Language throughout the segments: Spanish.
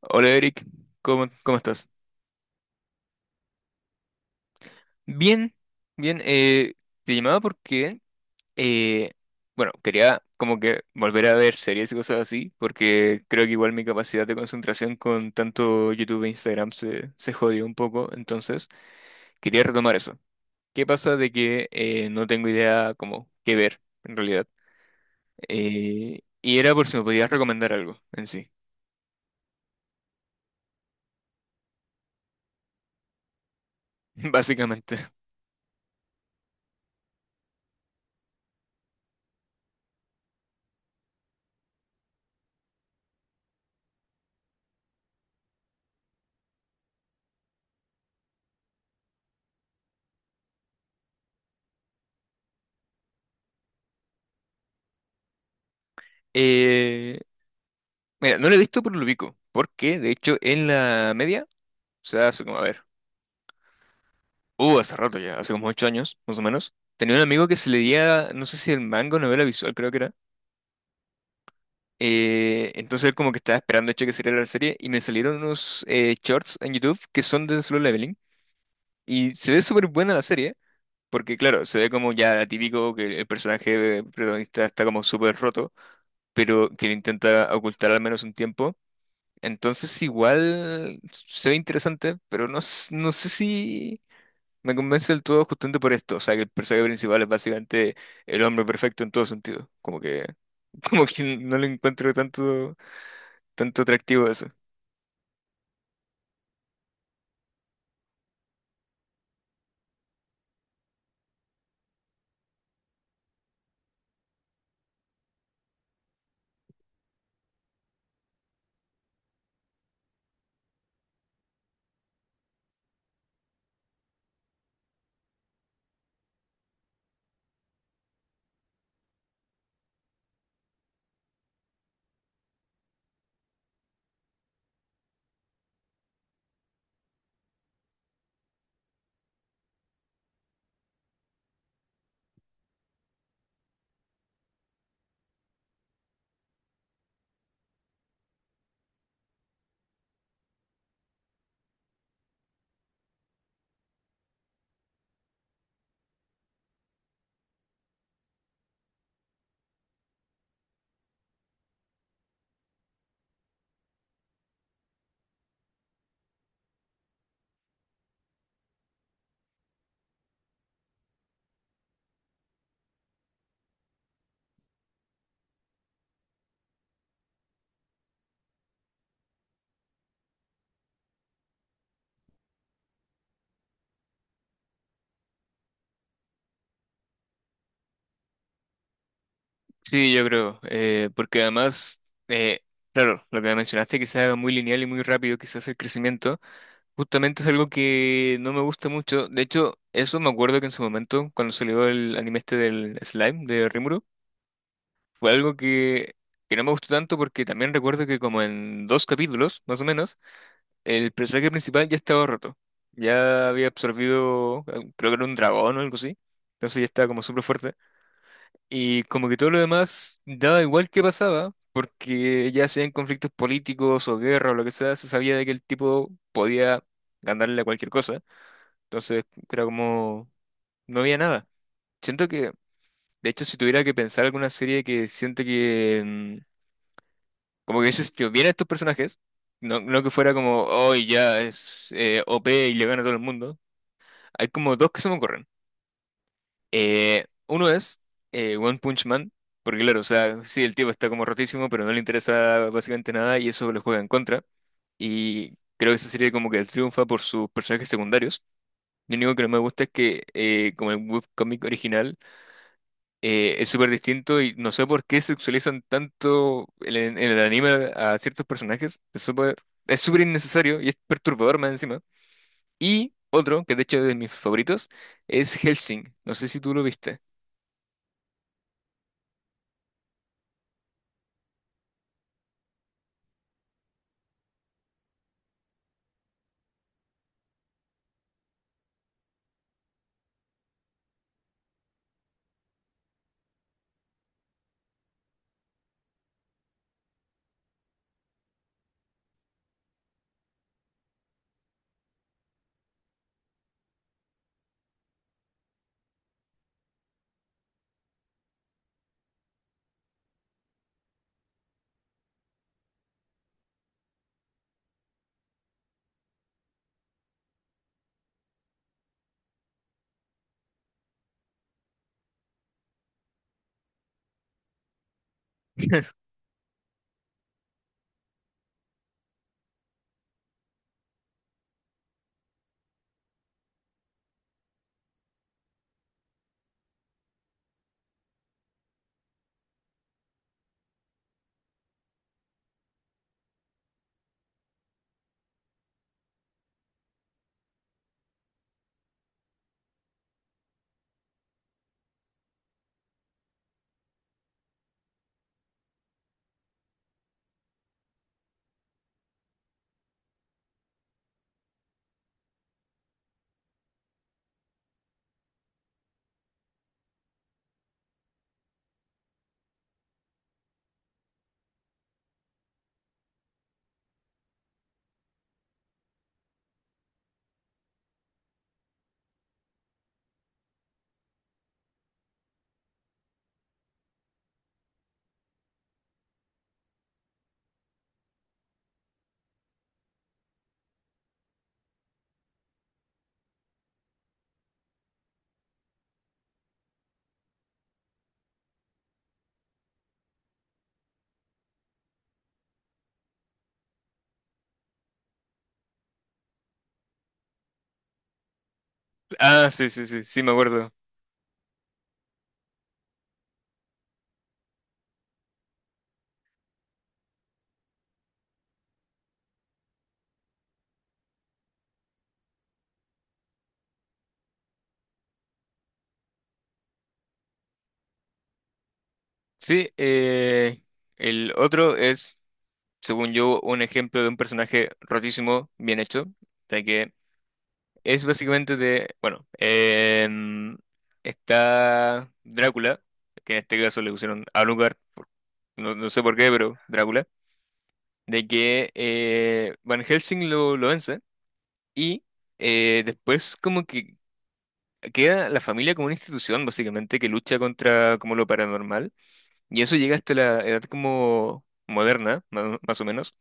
Hola Eric, ¿cómo estás? Bien, bien. Te llamaba porque, eh, bueno, quería como que volver a ver series y cosas así, porque creo que igual mi capacidad de concentración con tanto YouTube e Instagram se jodió un poco, entonces quería retomar eso. ¿Qué pasa de que no tengo idea como qué ver en realidad? Y era por si me podías recomendar algo en sí, básicamente. Eh, Mira, no lo he visto por lo ubico, porque de hecho en la media. O sea, hace como, a ver, hace rato ya, hace como 8 años, más o menos. Tenía un amigo que se leía, no sé si el manga o novela visual, creo que era. Entonces él como que estaba esperando, de hecho, que saliera la serie y me salieron unos shorts en YouTube que son de Solo Leveling. Y se ve súper buena la serie, porque claro, se ve como ya típico que el personaje protagonista está como súper roto, pero que lo intenta ocultar al menos un tiempo. Entonces igual se ve interesante, pero no, no sé si... Me convence del todo justamente por esto, o sea, que el personaje principal es básicamente el hombre perfecto en todo sentido. Como que, como que no le encuentro tanto, tanto atractivo a eso. Sí, yo creo, porque además, eh, claro, lo que mencionaste, que sea muy lineal y muy rápido, quizás el crecimiento, justamente es algo que no me gusta mucho. De hecho, eso me acuerdo que en su momento, cuando salió el anime este del Slime de Rimuru, fue algo que no me gustó tanto porque también recuerdo que como en dos capítulos, más o menos. El personaje principal ya estaba roto. Ya había absorbido, creo que era un dragón o algo así. Entonces ya estaba como súper fuerte. Y como que todo lo demás daba igual que pasaba, porque ya sean conflictos políticos o guerra o lo que sea, se sabía de que el tipo podía ganarle a cualquier cosa. Entonces era como, no había nada. Siento que, de hecho, si tuviera que pensar alguna serie que siento que como que dices, yo bien a estos personajes, no, no que fuera como, oh, ya es OP y le gana a todo el mundo. Hay como dos que se me ocurren. Uno es One Punch Man, porque claro, o sea, sí, el tipo está como rotísimo, pero no le interesa básicamente nada y eso lo juega en contra. Y creo que esa serie como que triunfa por sus personajes secundarios. Lo único que no me gusta es que como el webcomic original es súper distinto y no sé por qué sexualizan tanto en el anime a ciertos personajes. Es súper innecesario y es perturbador más encima. Y otro, que de hecho es de mis favoritos, es Helsing. No sé si tú lo viste. Ah, sí, sí, sí, sí, me acuerdo. Sí, el otro es, según yo, un ejemplo de un personaje rotísimo, bien hecho, de que es básicamente de, bueno, está Drácula, que en este caso le pusieron a lugar no, no sé por qué, pero Drácula, de que Van Helsing lo vence y después como que queda la familia como una institución básicamente que lucha contra como lo paranormal y eso llega hasta la edad como moderna, más o menos,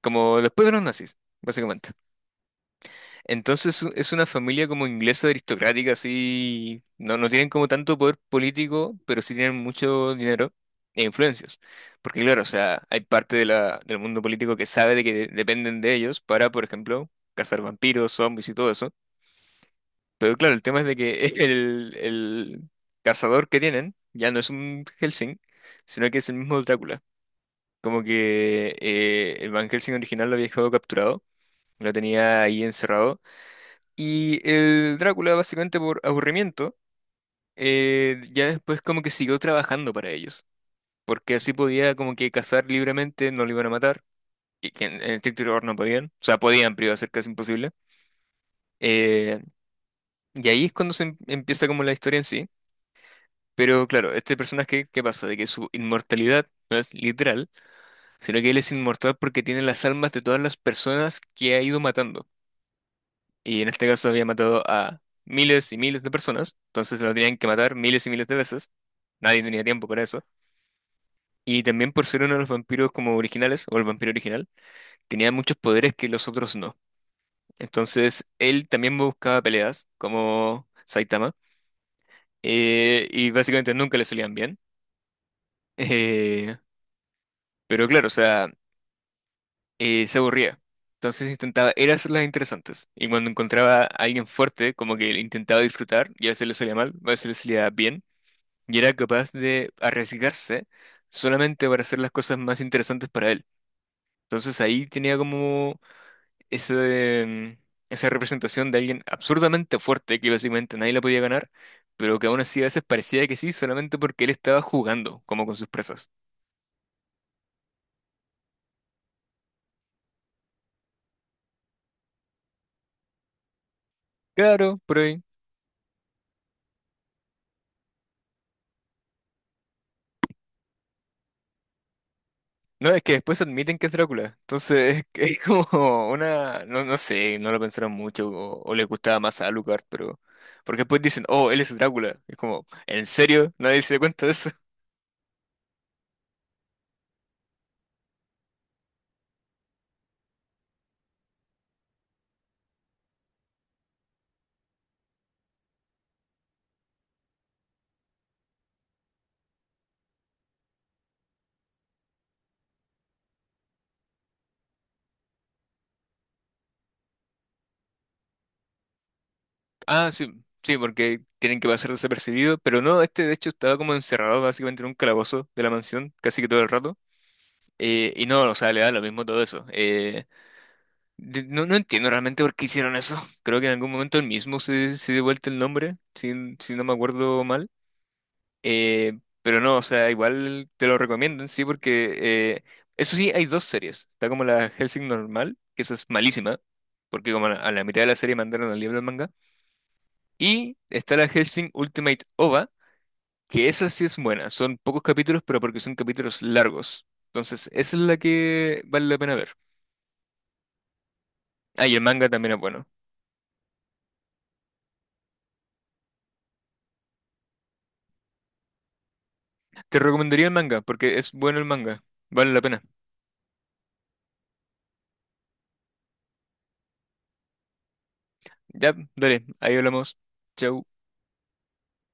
como después de los nazis, básicamente. Entonces es una familia como inglesa aristocrática, así. No, no tienen como tanto poder político, pero sí tienen mucho dinero e influencias. Porque claro, o sea, hay parte de del mundo político que sabe de que dependen de ellos para, por ejemplo, cazar vampiros, zombies y todo eso. Pero claro, el tema es de que el cazador que tienen ya no es un Helsing, sino que es el mismo Drácula. Como que el Van Helsing original lo había dejado capturado, lo tenía ahí encerrado y el Drácula, básicamente por aburrimiento, ya después como que siguió trabajando para ellos, porque así podía como que cazar libremente, no lo iban a matar, y que en estricto rigor no podían, o sea, podían, pero iba a ser casi imposible. Eh, y ahí es cuando se empieza como la historia en sí, pero claro, este personaje, ¿qué pasa? De que su inmortalidad no es literal, sino que él es inmortal porque tiene las almas de todas las personas que ha ido matando. Y en este caso había matado a miles y miles de personas, entonces lo tenían que matar miles y miles de veces. Nadie tenía tiempo para eso. Y también por ser uno de los vampiros como originales, o el vampiro original, tenía muchos poderes que los otros no. Entonces él también buscaba peleas, como Saitama, y básicamente nunca le salían bien. Eh, pero claro, o sea, se aburría. Entonces intentaba, era hacerlas interesantes. Y cuando encontraba a alguien fuerte, como que intentaba disfrutar, y a veces le salía mal, a veces le salía bien y era capaz de arriesgarse solamente para hacer las cosas más interesantes para él. Entonces ahí tenía como ese, esa representación de alguien absurdamente fuerte que básicamente nadie la podía ganar, pero que aún así a veces parecía que sí solamente porque él estaba jugando como con sus presas. Claro, por ahí. No, es que después admiten que es Drácula. Entonces es, que es como una... No, no sé, no lo pensaron mucho o le gustaba más a Alucard, pero... Porque después dicen, oh, él es Drácula. Es como, ¿en serio? Nadie se da cuenta de eso. Ah, sí, sí, porque tienen que pasar desapercibido, pero no, este de hecho estaba como encerrado básicamente en un calabozo de la mansión casi que todo el rato. Y no, o sea, le da lo mismo todo eso. No, no entiendo realmente por qué hicieron eso. Creo que en algún momento él mismo se dio vuelta el nombre, si no me acuerdo mal. Pero no, o sea, igual te lo recomiendo, en sí, porque eh, eso sí, hay dos series. Está como la Hellsing normal, que esa es malísima, porque como a la mitad de la serie mandaron al libro del manga. Y está la Hellsing Ultimate OVA, que esa sí es buena. Son pocos capítulos, pero porque son capítulos largos. Entonces, esa es la que vale la pena ver. Ah, y el manga también es bueno. Te recomendaría el manga, porque es bueno el manga. Vale la pena. Ya, dale, ahí hablamos. Chau.